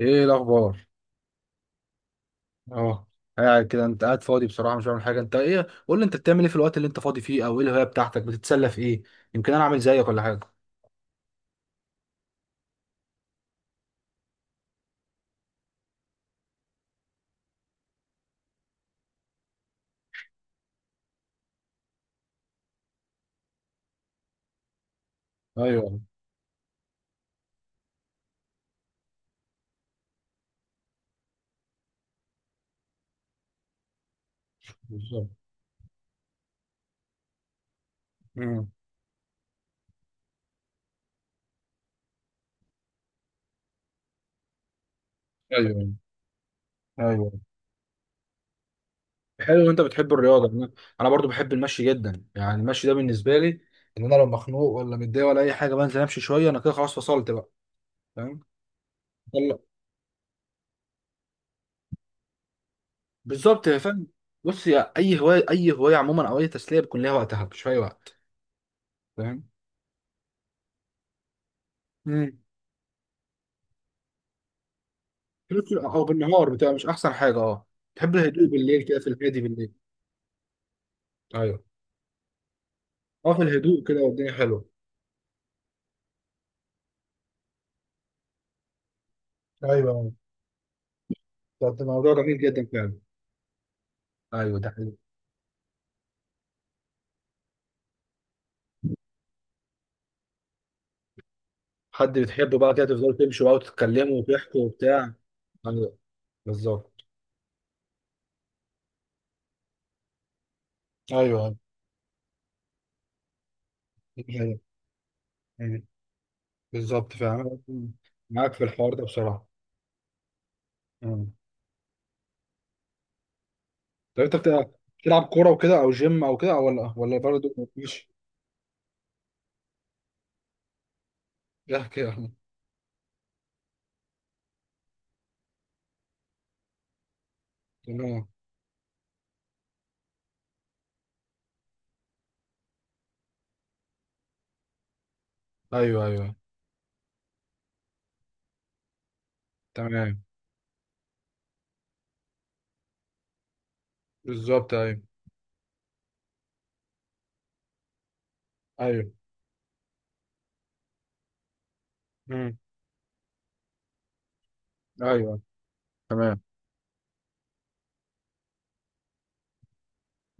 ايه الاخبار؟ اه. قاعد كده، انت قاعد فاضي بصراحه مش بعمل حاجه. انت ايه؟ قول لي انت بتعمل ايه في الوقت اللي انت فاضي فيه، او ايه الهوايه بتاعتك؟ بتتسلى في ايه؟ يمكن انا اعمل زيك ولا حاجه. ايوه. بالظبط. امم. ايوه، ايوه. حلو ان انت بتحب الرياضه. انا أنا برضو بحب المشي جدا. يعني المشي ده بالنسبه لي ان انا لو مخنوق ولا متضايق ولا اي حاجه بنزل امشي شويه، انا كده خلاص فصلت بقى. فاهم. يلا. بالظبط يا فاهم. بص يا، اي هوايه اي هوايه عموما او اي تسليه بيكون ليها وقتها مش في اي وقت. فاهم. مم. او بالنهار بتبقى مش احسن حاجه، اه. تحب الهدوء بالليل، كده في الهادي بالليل. ايوه. اه، في الهدوء كده والدنيا حلوه. ايوه، ده موضوع جميل جدا فعلا. ايوه، ده حلو. حد بتحبه بقى، كده تفضلوا تمشوا بقى وتتكلموا وتحكوا وبتاع. ايوه، بالظبط، ايوه. دي حقيقة. أمم. بالظبط فعلا. معاك في الحوار ده بصراحه. أمم. طب انت بتلعب كوره وكده او جيم او كده، أو ولا برضه مش... احكي يا أحمد. تمام. ايوه، ايوه. تمام. بالظبط، ايوه، ايوه. ايوه، تمام.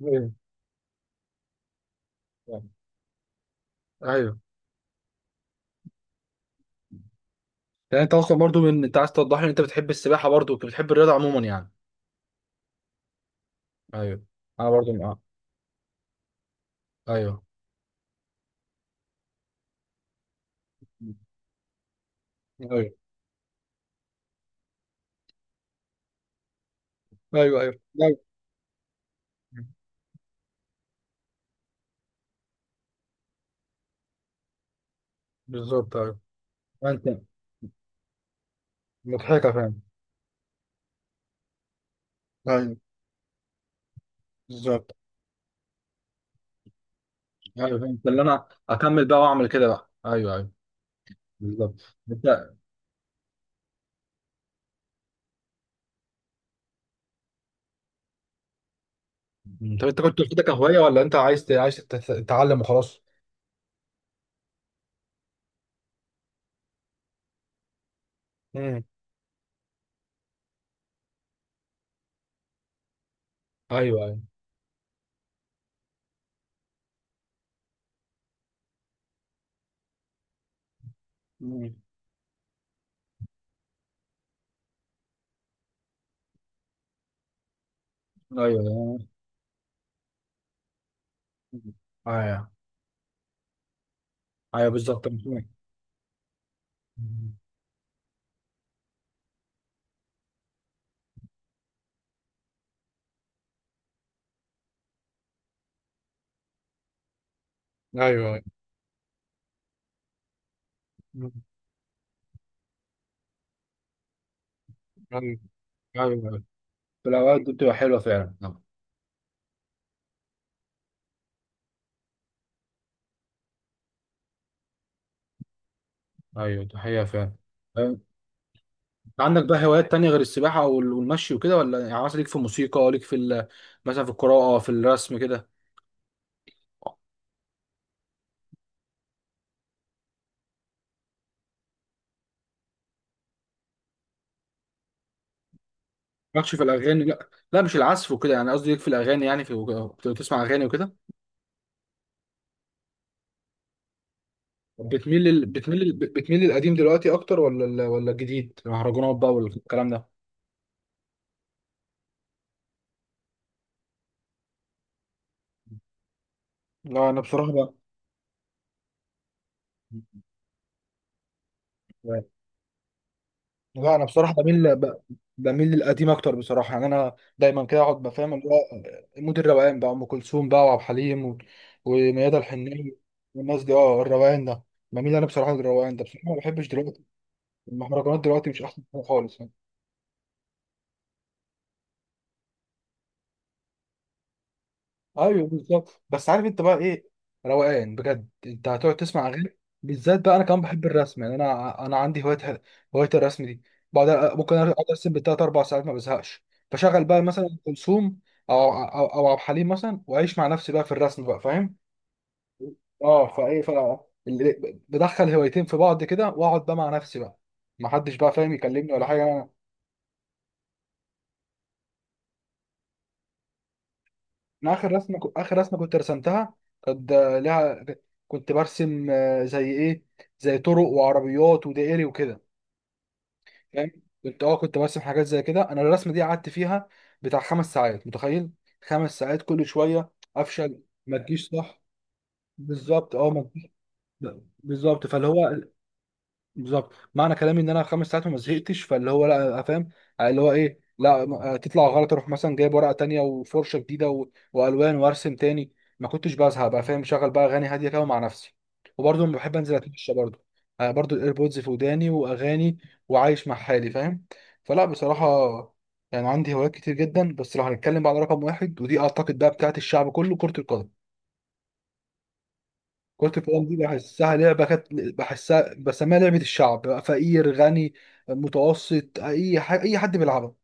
ايوه، ايوه. يعني انت اصلا برضو من انت عايز توضح لي ان انت بتحب السباحه برضو، بتحب الرياضه عموما يعني. ايوه، انا برضو، اه. ايوه، ايوه. ايوه، ايوه، لا، بالظبط، ايوه. انت مضحكه فاهم. ايوه، بالظبط. ايوه، فهمت اللي انا اكمل بقى واعمل كده بقى، ايوه، ايوه. بالظبط انت... طب انت كنت واخدها كهوايه ولا انت عايز تتعلم وخلاص؟ امم. ايوه، ايوه. مم. ايوه، ايوه، ايوه. بالظبط. مم. ايوه، أيوة. مم. ايوه، ايوه، أيوة. في الاوقات دي بتبقى حلوه فعلا، نعم. ايوه، دي حقيقه فعلا. أه، أنت عندك بقى هوايات تانية غير السباحه والمشي وكده؟ ولا يعني مثلا ليك في الموسيقى؟ ليك في مثلا في القراءه، في الرسم كده؟ مالكش في الاغاني؟ لا، لا، مش العزف وكده، يعني قصدي ليك في الاغاني، يعني في بتسمع اغاني وكده؟ بتميل للقديم دلوقتي اكتر ولا الجديد المهرجانات بقى والكلام ده؟ لا انا بصراحه بقى. لا، انا بصراحه بميل بميل للقديم اكتر بصراحه، يعني انا دايما كده اقعد بفهم اللي هو مود الروقان بقى، ام كلثوم بقى وعبد الحليم وميادة الحناوي، والناس دي، اه الروقان ده. بميل انا بصراحه للروقان ده بصراحه، ما بحبش دلوقتي المهرجانات دلوقتي، مش احسن حاجه خالص. ايوه، بالظبط. بس عارف انت بقى ايه؟ روقان بجد، انت هتقعد تسمع اغاني بالذات بقى. انا كمان بحب الرسم، يعني انا عندي هوايه، هوايه الرسم دي. بعد، ممكن اقعد ارسم بالتلات اربع ساعات ما بزهقش. بشغل بقى مثلا أم كلثوم او عبد الحليم مثلا، واعيش مع نفسي بقى في الرسم بقى، فاهم. اه، فايه، بدخل هوايتين في بعض كده، واقعد بقى مع نفسي بقى، ما حدش بقى فاهم يكلمني ولا حاجه. انا اخر رسمه كنت رسمتها، كانت لها، كنت برسم زي ايه، زي طرق وعربيات ودائري وكده، فاهم. كنت برسم حاجات زي كده. انا الرسمه دي قعدت فيها بتاع 5 ساعات، متخيل؟ 5 ساعات كل شويه افشل، ما تجيش صح؟ بالظبط، اه ما تجيش. بالظبط فاللي هو بالظبط، معنى كلامي ان انا 5 ساعات وما زهقتش، فاللي هو لا فاهم، اللي هو ايه، لا تطلع غلط اروح مثلا جايب ورقه تانية وفرشه جديده والوان وارسم تاني. ما كنتش بزهق بقى، فاهم. شغل بقى اغاني هاديه كده مع نفسي، وبرضه لما بحب انزل اتمشى برضه، برضه الايربودز في وداني واغاني وعايش مع حالي، فاهم. فلا بصراحه، يعني عندي هوايات كتير جدا، بس لو هنتكلم بقى على رقم واحد، ودي اعتقد بقى بتاعت الشعب كله، كره القدم. كرة القدم دي بحسها لعبة، كانت بحسها بسميها لعبة الشعب بقى، فقير غني متوسط أي حد بيلعبها.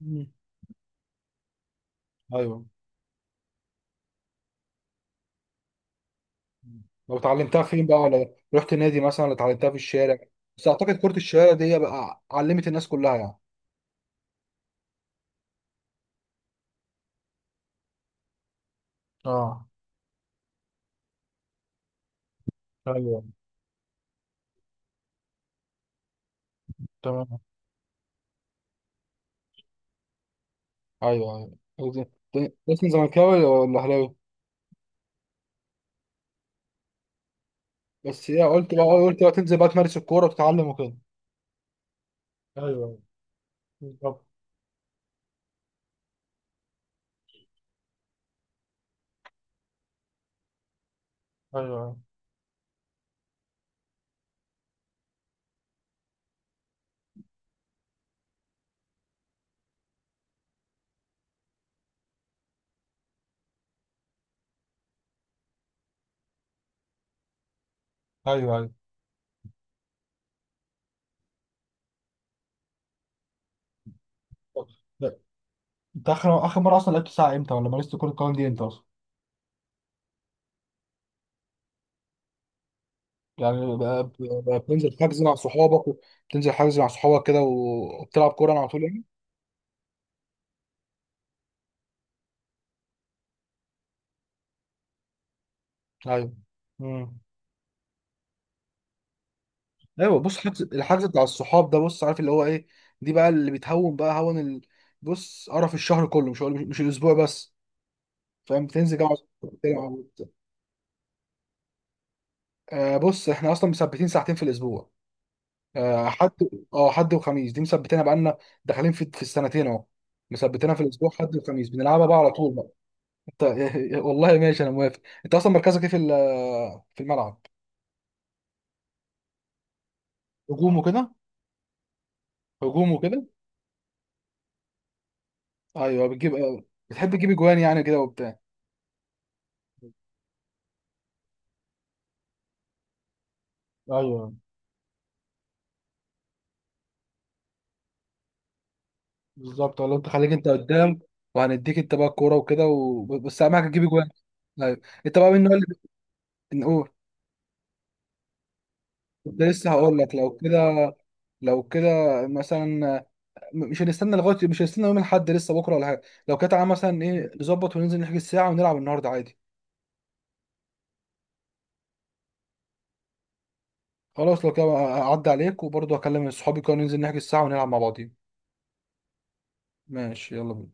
مم. أيوه. مم. لو اتعلمتها فين بقى؟ ولا رحت نادي مثلا؟ ولا اتعلمتها في الشارع؟ بس أعتقد كرة الشارع دي بقى علمت الناس كلها يعني. اه، ايوه، تمام. أيوه، أيوه. اسم زملكاوي ولا أهلاوي؟ بس إيه قلت بقى تنزل بقى تمارس الكورة وتتعلم وكده؟ ايوه، بالظبط، ايوه، ايوه، ايوه. انت اخر مره اصلا لعبت ساعه امتى؟ ولا مارست كره القدم دي امتى اصلا؟ يعني بقى بتنزل حجز مع صحابك بتنزل حجز مع صحابك كده وبتلعب كوره على طول يعني؟ ايوه، امم، ايوه. بص حجز، الحجز بتاع الصحاب ده، بص عارف اللي هو ايه، دي بقى اللي بتهون بقى هون بص قرف الشهر كله، مش الاسبوع بس، فاهم؟ بتنزل كده مع صحابك تلعب آه بص احنا اصلا مثبتين ساعتين في الاسبوع، آه حد، اه حد وخميس دي مثبتينها بقالنا داخلين في السنتين اهو، مثبتينها في الاسبوع، حد وخميس، بنلعبها بقى على طول بقى. انت والله ماشي، انا موافق. انت اصلا مركزك ايه في الملعب؟ هجوم وكده؟ هجوم وكده، ايوه، بتجيب، بتحب تجيب اجوان يعني كده وبتاع؟ ايوه، بالظبط، ولا انت خليك انت قدام وهنديك انت بقى الكوره وكده بس اهم حاجه تجيب اجوان. ايوه انت بقى من هو اللي نقول... كنت لسه هقول لك، لو كده، لو كده مثلا، مش هنستنى يوم الاحد لسه بكره ولا حاجه، لو كده تعالى مثلا ايه، نظبط وننزل نحجز ساعه ونلعب النهارده عادي. خلاص لو كده اعدي عليك، وبرضه هكلم صحابي كانوا ننزل نحجز الساعة ونلعب مع بعضين. ماشي، يلا بينا.